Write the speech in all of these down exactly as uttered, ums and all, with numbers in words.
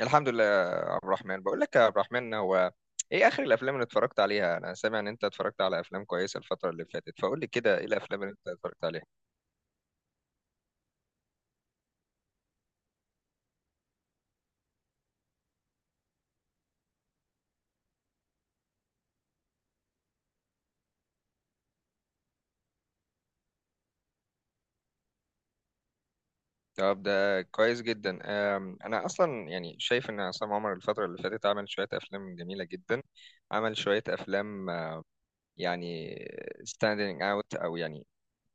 الحمد لله يا عبد الرحمن. بقول لك يا عبد الرحمن، هو ايه اخر الافلام اللي اتفرجت عليها؟ انا سامع ان انت اتفرجت على افلام كويسه الفتره اللي فاتت، فقول لي كده ايه الافلام اللي انت اتفرجت عليها. طب ده كويس جدا. أم، انا اصلا يعني شايف ان عصام عمر الفتره اللي فاتت عمل شويه افلام جميله جدا. عمل شويه افلام يعني standing out، او يعني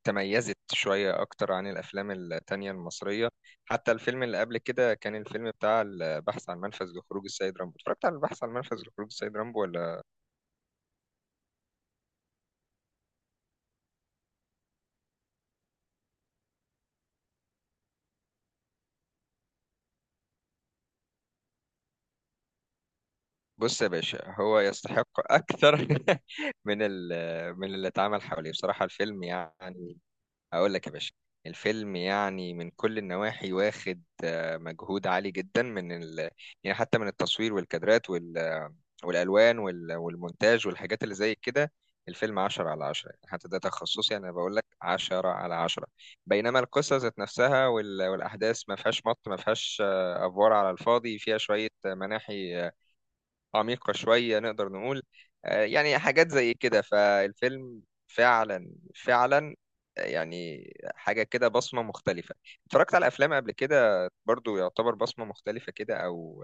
تميزت شوية أكتر عن الأفلام التانية المصرية. حتى الفيلم اللي قبل كده، كان الفيلم بتاع البحث عن منفذ لخروج السيد رامبو، اتفرجت على البحث عن منفذ لخروج السيد رامبو ولا؟ بص يا باشا، هو يستحق أكتر من ال... من اللي اتعمل حواليه بصراحة الفيلم يعني. أقول لك يا باشا، الفيلم يعني من كل النواحي واخد آه، مجهود عالي جدا من ال... يعني حتى من التصوير والكادرات والالوان وال- والمونتاج والحاجات اللي زي كده. الفيلم عشرة على عشرة يعني، حتى ده تخصصي انا بقول لك عشرة على عشرة. بينما القصه ذات نفسها وال- والاحداث ما فيهاش مط، ما فيهاش آه، افوار على الفاضي، فيها شويه آه، مناحي آه، عميقه شويه نقدر نقول. آه، يعني حاجات زي كده فالفيلم، فعلا فعلا آه، يعني حاجه كده بصمه مختلفه. اتفرجت على افلام قبل كده برضو يعتبر بصمه مختلفه كده، او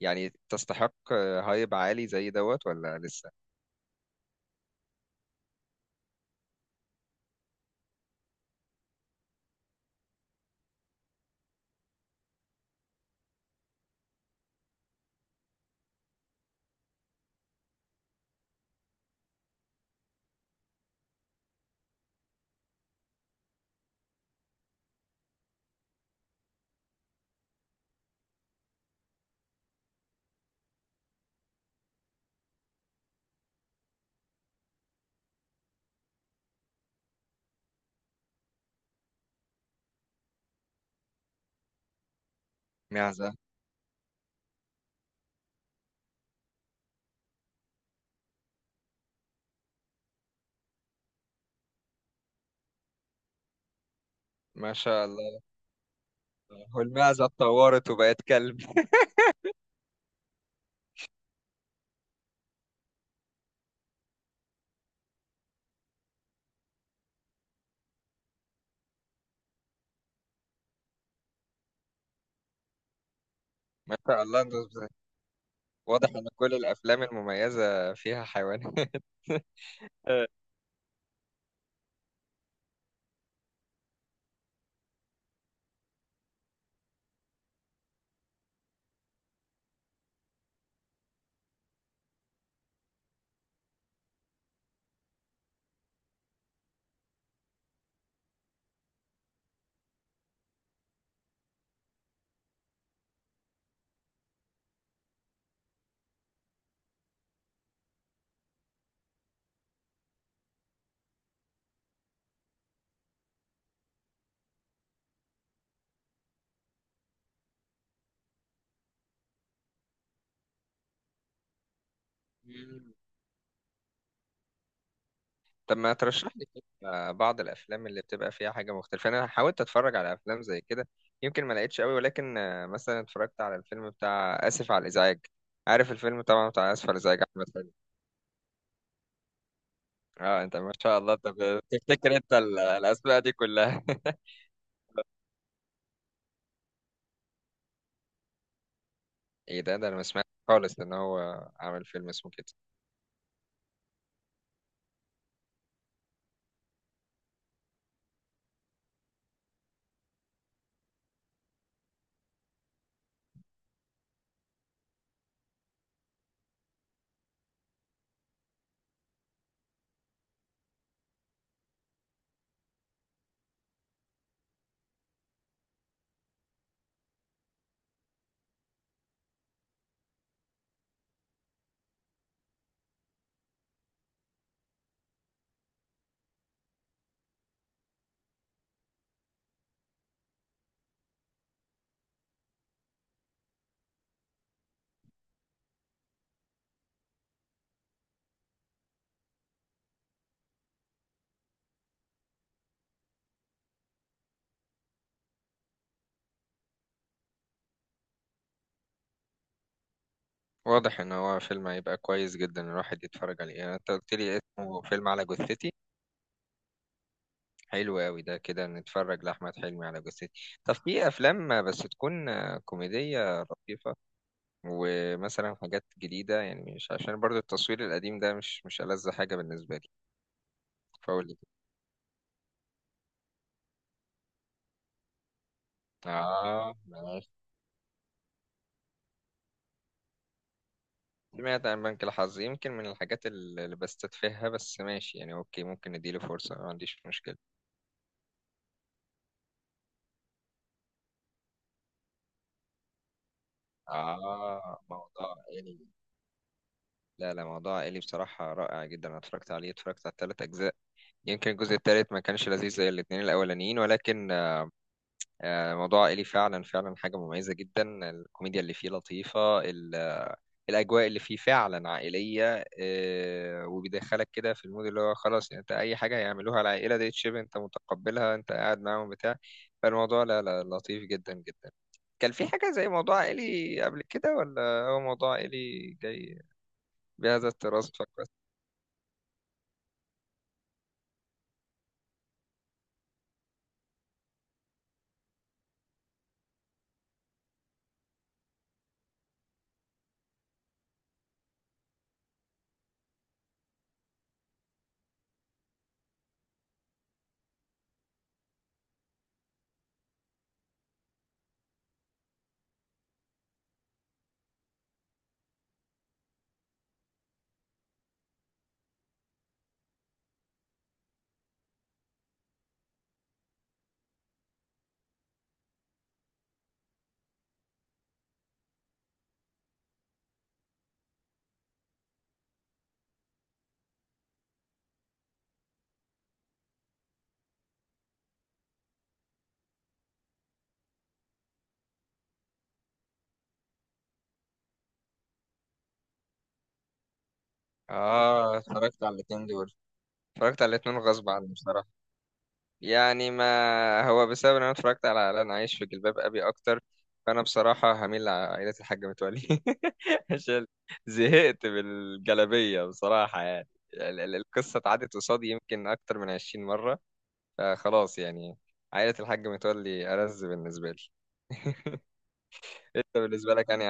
يعني تستحق هايب عالي زي دوت ولا لسه؟ معزة. ما شاء الله. هو المعزة اتطورت وبقت كلب؟ ما شاء الله. انت بز- واضح ان كل الافلام المميزة فيها حيوانات. مم. طب ما ترشح لي كده بعض الافلام اللي بتبقى فيها حاجة مختلفة. انا حاولت اتفرج على افلام زي كده، يمكن ما لقيتش قوي، ولكن آه، مثلا اتفرجت على الفيلم بتاع اسف على الازعاج. عارف الفيلم طبعا، بتاع اسف على الازعاج احمد حلمي. اه انت ما شاء الله انت، بتفتكر انت ال- الاسماء دي كلها؟ ايه ده؟ ده انا ما سمعت خالص ان هو عمل فيلم اسمه كده. واضح ان هو فيلم هيبقى كويس جدا الواحد يتفرج عليه. يعني انت قلت لي اسمه فيلم على جثتي؟ حلو قوي. ده كده نتفرج لاحمد حلمي على جثتي. طب في افلام بس تكون كوميديه لطيفه، ومثلا حاجات جديده؟ يعني مش عشان برضو التصوير القديم ده، مش مش ألذ حاجه بالنسبه لي. فقول لي كده. اه ماشي. سمعت عن بنك الحظ، يمكن من الحاجات اللي بستتفهها، بس ماشي يعني اوكي، ممكن اديله فرصه ما عنديش مشكله. آه موضوع إلي. لا لا موضوع إلي بصراحة رائع جدا. أنا اتفرجت عليه، اتفرجت على الثلاث أجزاء. يمكن الجزء الثالث ما كانش لذيذ زي الاتنين الأولانيين، ولكن آه، موضوع إلي فعلا فعلا حاجة مميزة جدا. الكوميديا اللي فيه لطيفة، ال- الأجواء اللي فيه فعلا عائلية، آه، وبيدخلك كده في المود، اللي هو خلاص يعني أنت أي حاجة يعملوها العائلة دي تشيب أنت متقبلها، أنت قاعد معاهم بتاع. فالموضوع لا لا لطيف جدا جدا. كان في حاجة زي موضوع إلي قبل كده ولا هو موضوع إلي جاي بهذا التراث فقط؟ اه اتفرجت على الاتنين دول، اتفرجت على الاتنين غصب عني بصراحة. يعني ما هو بسبب ان انا اتفرجت على لن عايش في جلباب ابي اكتر، فانا بصراحة هميل لعائلة الحاج متولي عشان زهقت بالجلابية بصراحة يعني. ال- ال- القصة اتعدت قصادي يمكن اكتر من عشرين مرة، فخلاص يعني عائلة الحاج متولي ألذ بالنسبة لي. انت بالنسبة لك يعني.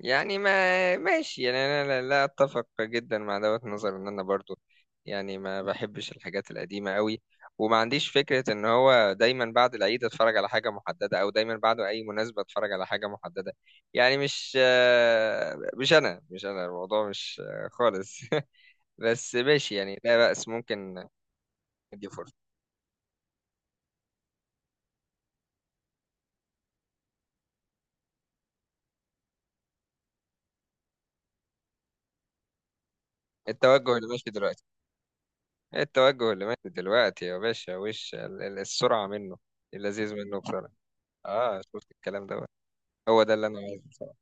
يعني ما ماشي. يعني انا لا, لا اتفق جدا مع دوت نظر، ان انا برضو يعني ما بحبش الحاجات القديمه قوي، وما عنديش فكره ان هو دايما بعد العيد اتفرج على حاجه محدده، او دايما بعد اي مناسبه اتفرج على حاجه محدده. يعني مش آه، مش انا مش انا الموضوع مش آه، خالص. بس ماشي يعني لا بأس، ممكن ادي فرصه. التوجه اللي ماشي دلوقتي، التوجه اللي ماشي دلوقتي يا باشا وش ال- ال- السرعه منه، اللذيذ منه بسرعه. اه شفت الكلام ده؟ هو ده اللي انا عايزه بصراحه.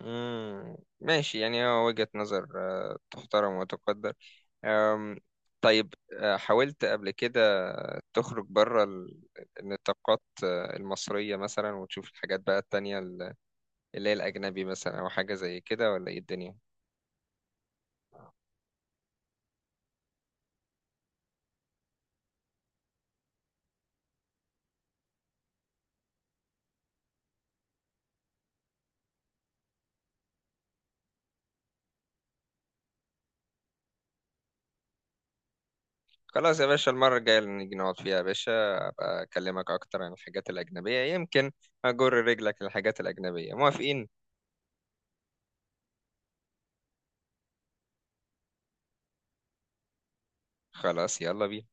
امم ماشي، يعني هو وجهة نظر آه، تحترم وتقدر. أم، طيب، آه، حاولت قبل كده تخرج بره ال- النطاقات آه، المصرية مثلا وتشوف الحاجات بقى التانية ال- اللي هي الأجنبي مثلا، أو حاجة زي كده، ولا إيه الدنيا؟ خلاص يا باشا، المرة الجاية اللي نيجي نقعد فيها يا باشا، أبقى أكلمك أكتر عن الحاجات الأجنبية. يمكن أجر رجلك للحاجات الأجنبية، موافقين؟ خلاص يلا بينا.